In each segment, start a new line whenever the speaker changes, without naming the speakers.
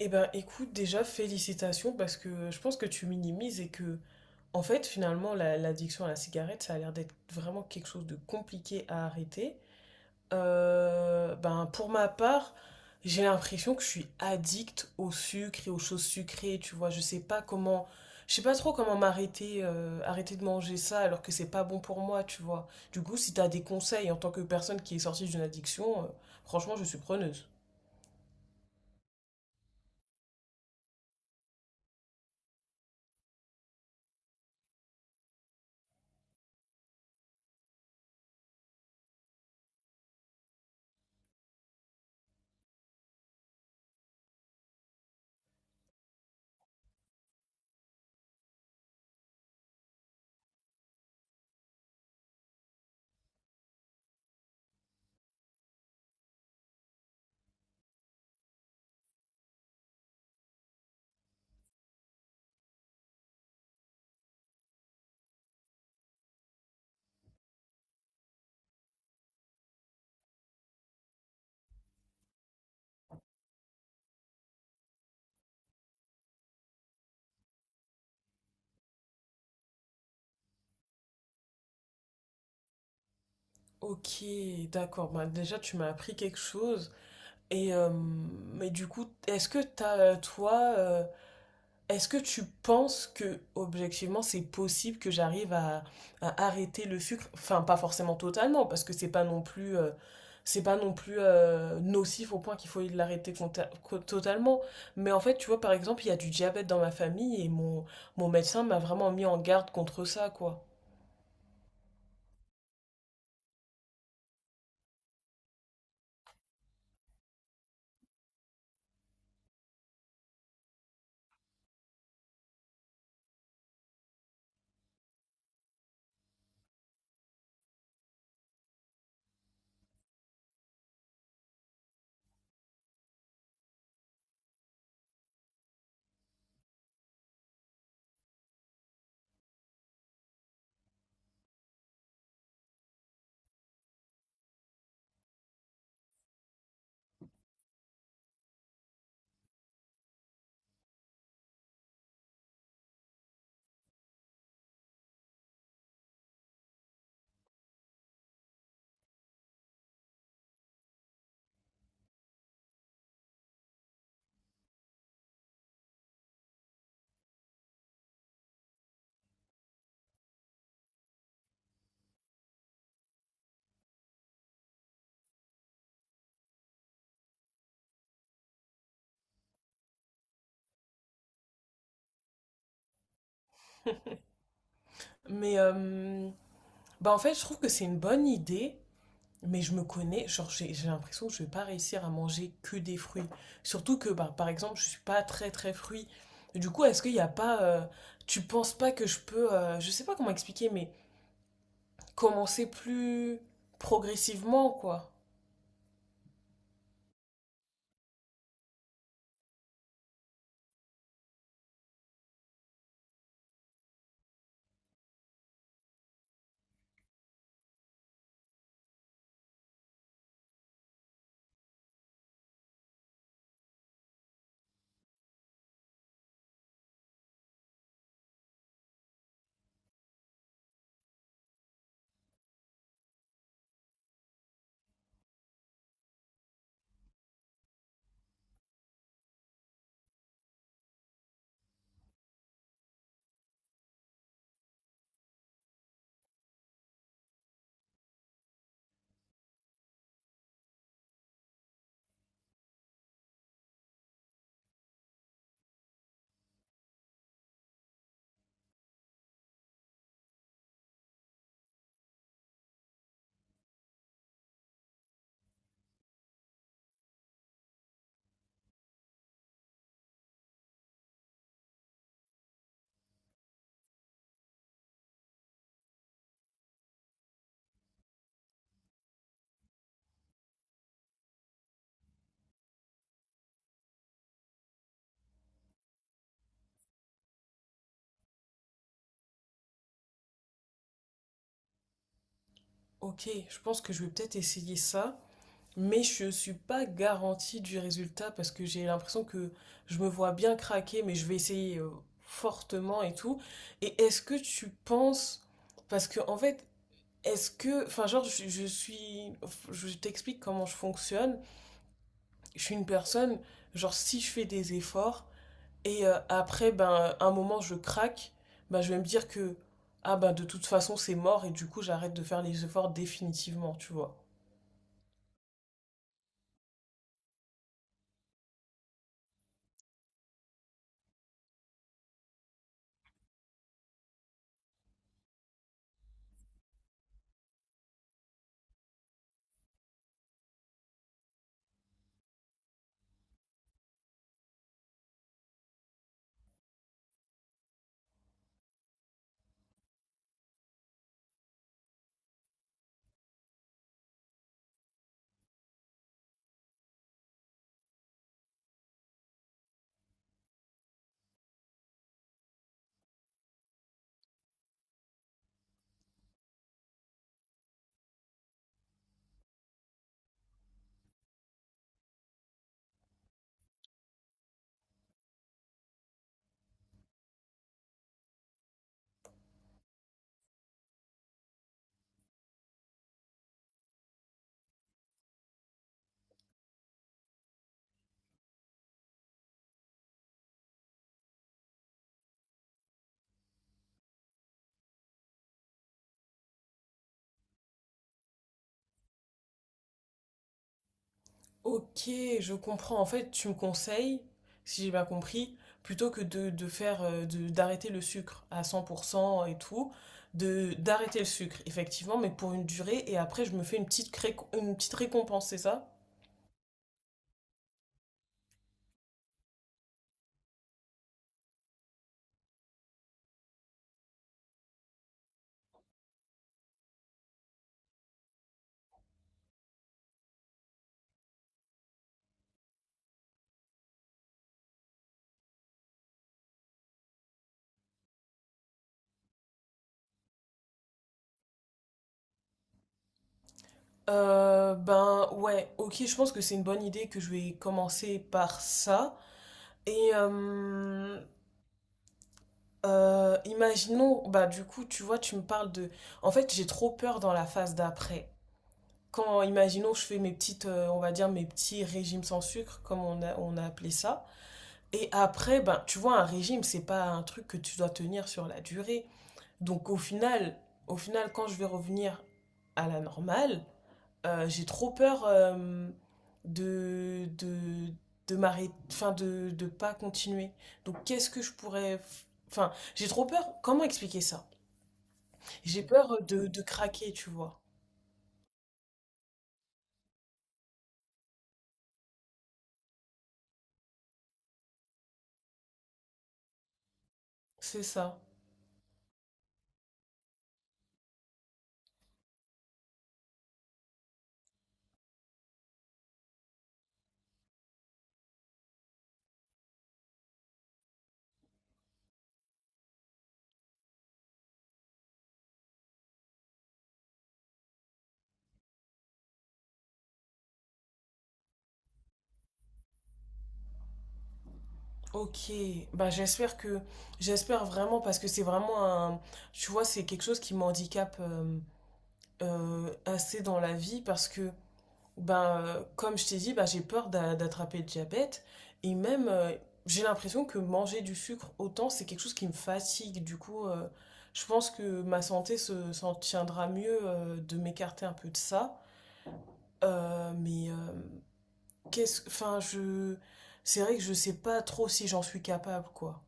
Eh ben, écoute, déjà, félicitations parce que je pense que tu minimises et que, en fait, finalement, l'addiction à la cigarette, ça a l'air d'être vraiment quelque chose de compliqué à arrêter. Ben, pour ma part, j'ai l'impression que je suis addict au sucre et aux choses sucrées, tu vois. Je sais pas comment, je sais pas trop comment m'arrêter, arrêter de manger ça alors que c'est pas bon pour moi, tu vois. Du coup, si t'as des conseils en tant que personne qui est sortie d'une addiction, franchement, je suis preneuse. Ok, d'accord. Bah, déjà, tu m'as appris quelque chose. Et mais du coup, est-ce que est-ce que tu penses que objectivement, c'est possible que à arrêter le sucre? Enfin, pas forcément totalement, parce que c'est pas non plus nocif au point qu'il faut l'arrêter totalement. Mais en fait, tu vois, par exemple, il y a du diabète dans ma famille et mon médecin m'a vraiment mis en garde contre ça, quoi. Mais bah en fait, je trouve que c'est une bonne idée. Mais je me connais, genre j'ai l'impression que je vais pas réussir à manger que des fruits. Surtout que bah, par exemple, je suis pas très très fruit. Du coup, est-ce qu'il n'y a pas tu penses pas que je peux je sais pas comment expliquer mais commencer plus progressivement quoi. OK, je pense que je vais peut-être essayer ça, mais je suis pas garantie du résultat parce que j'ai l'impression que je me vois bien craquer mais je vais essayer fortement et tout. Et est-ce que tu penses parce que en fait est-ce que, enfin, genre, je suis, je t'explique comment je fonctionne. Je suis une personne, genre, si je fais des efforts et après, ben, un moment, je craque, ben, je vais me dire que, ah, ben, de toute façon, c'est mort et du coup, j'arrête de faire les efforts définitivement, tu vois. Ok, je comprends. En fait, tu me conseilles, si j'ai bien compris, plutôt que de faire d'arrêter le sucre à 100% et tout, de d'arrêter le sucre, effectivement, mais pour une durée, et après je me fais une petite récompense, c'est ça? Ben ouais, ok, je pense que c'est une bonne idée que je vais commencer par ça. Et imaginons, bah du coup, tu vois, tu me parles de. En fait, j'ai trop peur dans la phase d'après. Quand, imaginons, je fais mes petites, on va dire, mes petits régimes sans sucre, comme on a appelé ça. Et après, ben, tu vois, un régime, c'est pas un truc que tu dois tenir sur la durée. Donc, au final, quand je vais revenir à la normale, j'ai trop peur de, de, de m'arrêter, enfin, de pas continuer. Donc, qu'est-ce que je pourrais. F- Enfin, j'ai trop peur. Comment expliquer ça? J'ai peur de craquer, tu vois. C'est ça. Ok, bah j'espère vraiment parce que c'est vraiment un tu vois c'est quelque chose qui m'handicape assez dans la vie parce que ben comme je t'ai dit bah j'ai peur d'attraper le diabète et même j'ai l'impression que manger du sucre autant c'est quelque chose qui me fatigue du coup je pense que ma santé se s'en tiendra mieux de m'écarter un peu de ça. Mais qu'est-ce enfin je C'est vrai que je sais pas trop si j'en suis capable quoi.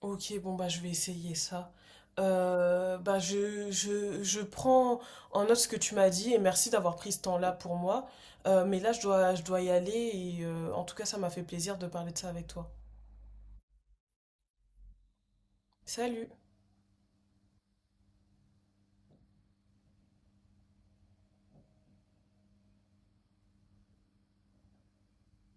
Ok, bon bah je vais essayer ça. Bah je prends en note ce que tu m'as dit et merci d'avoir pris ce temps-là pour moi. Mais là je dois y aller et en tout cas ça m'a fait plaisir de parler de ça avec toi. Salut!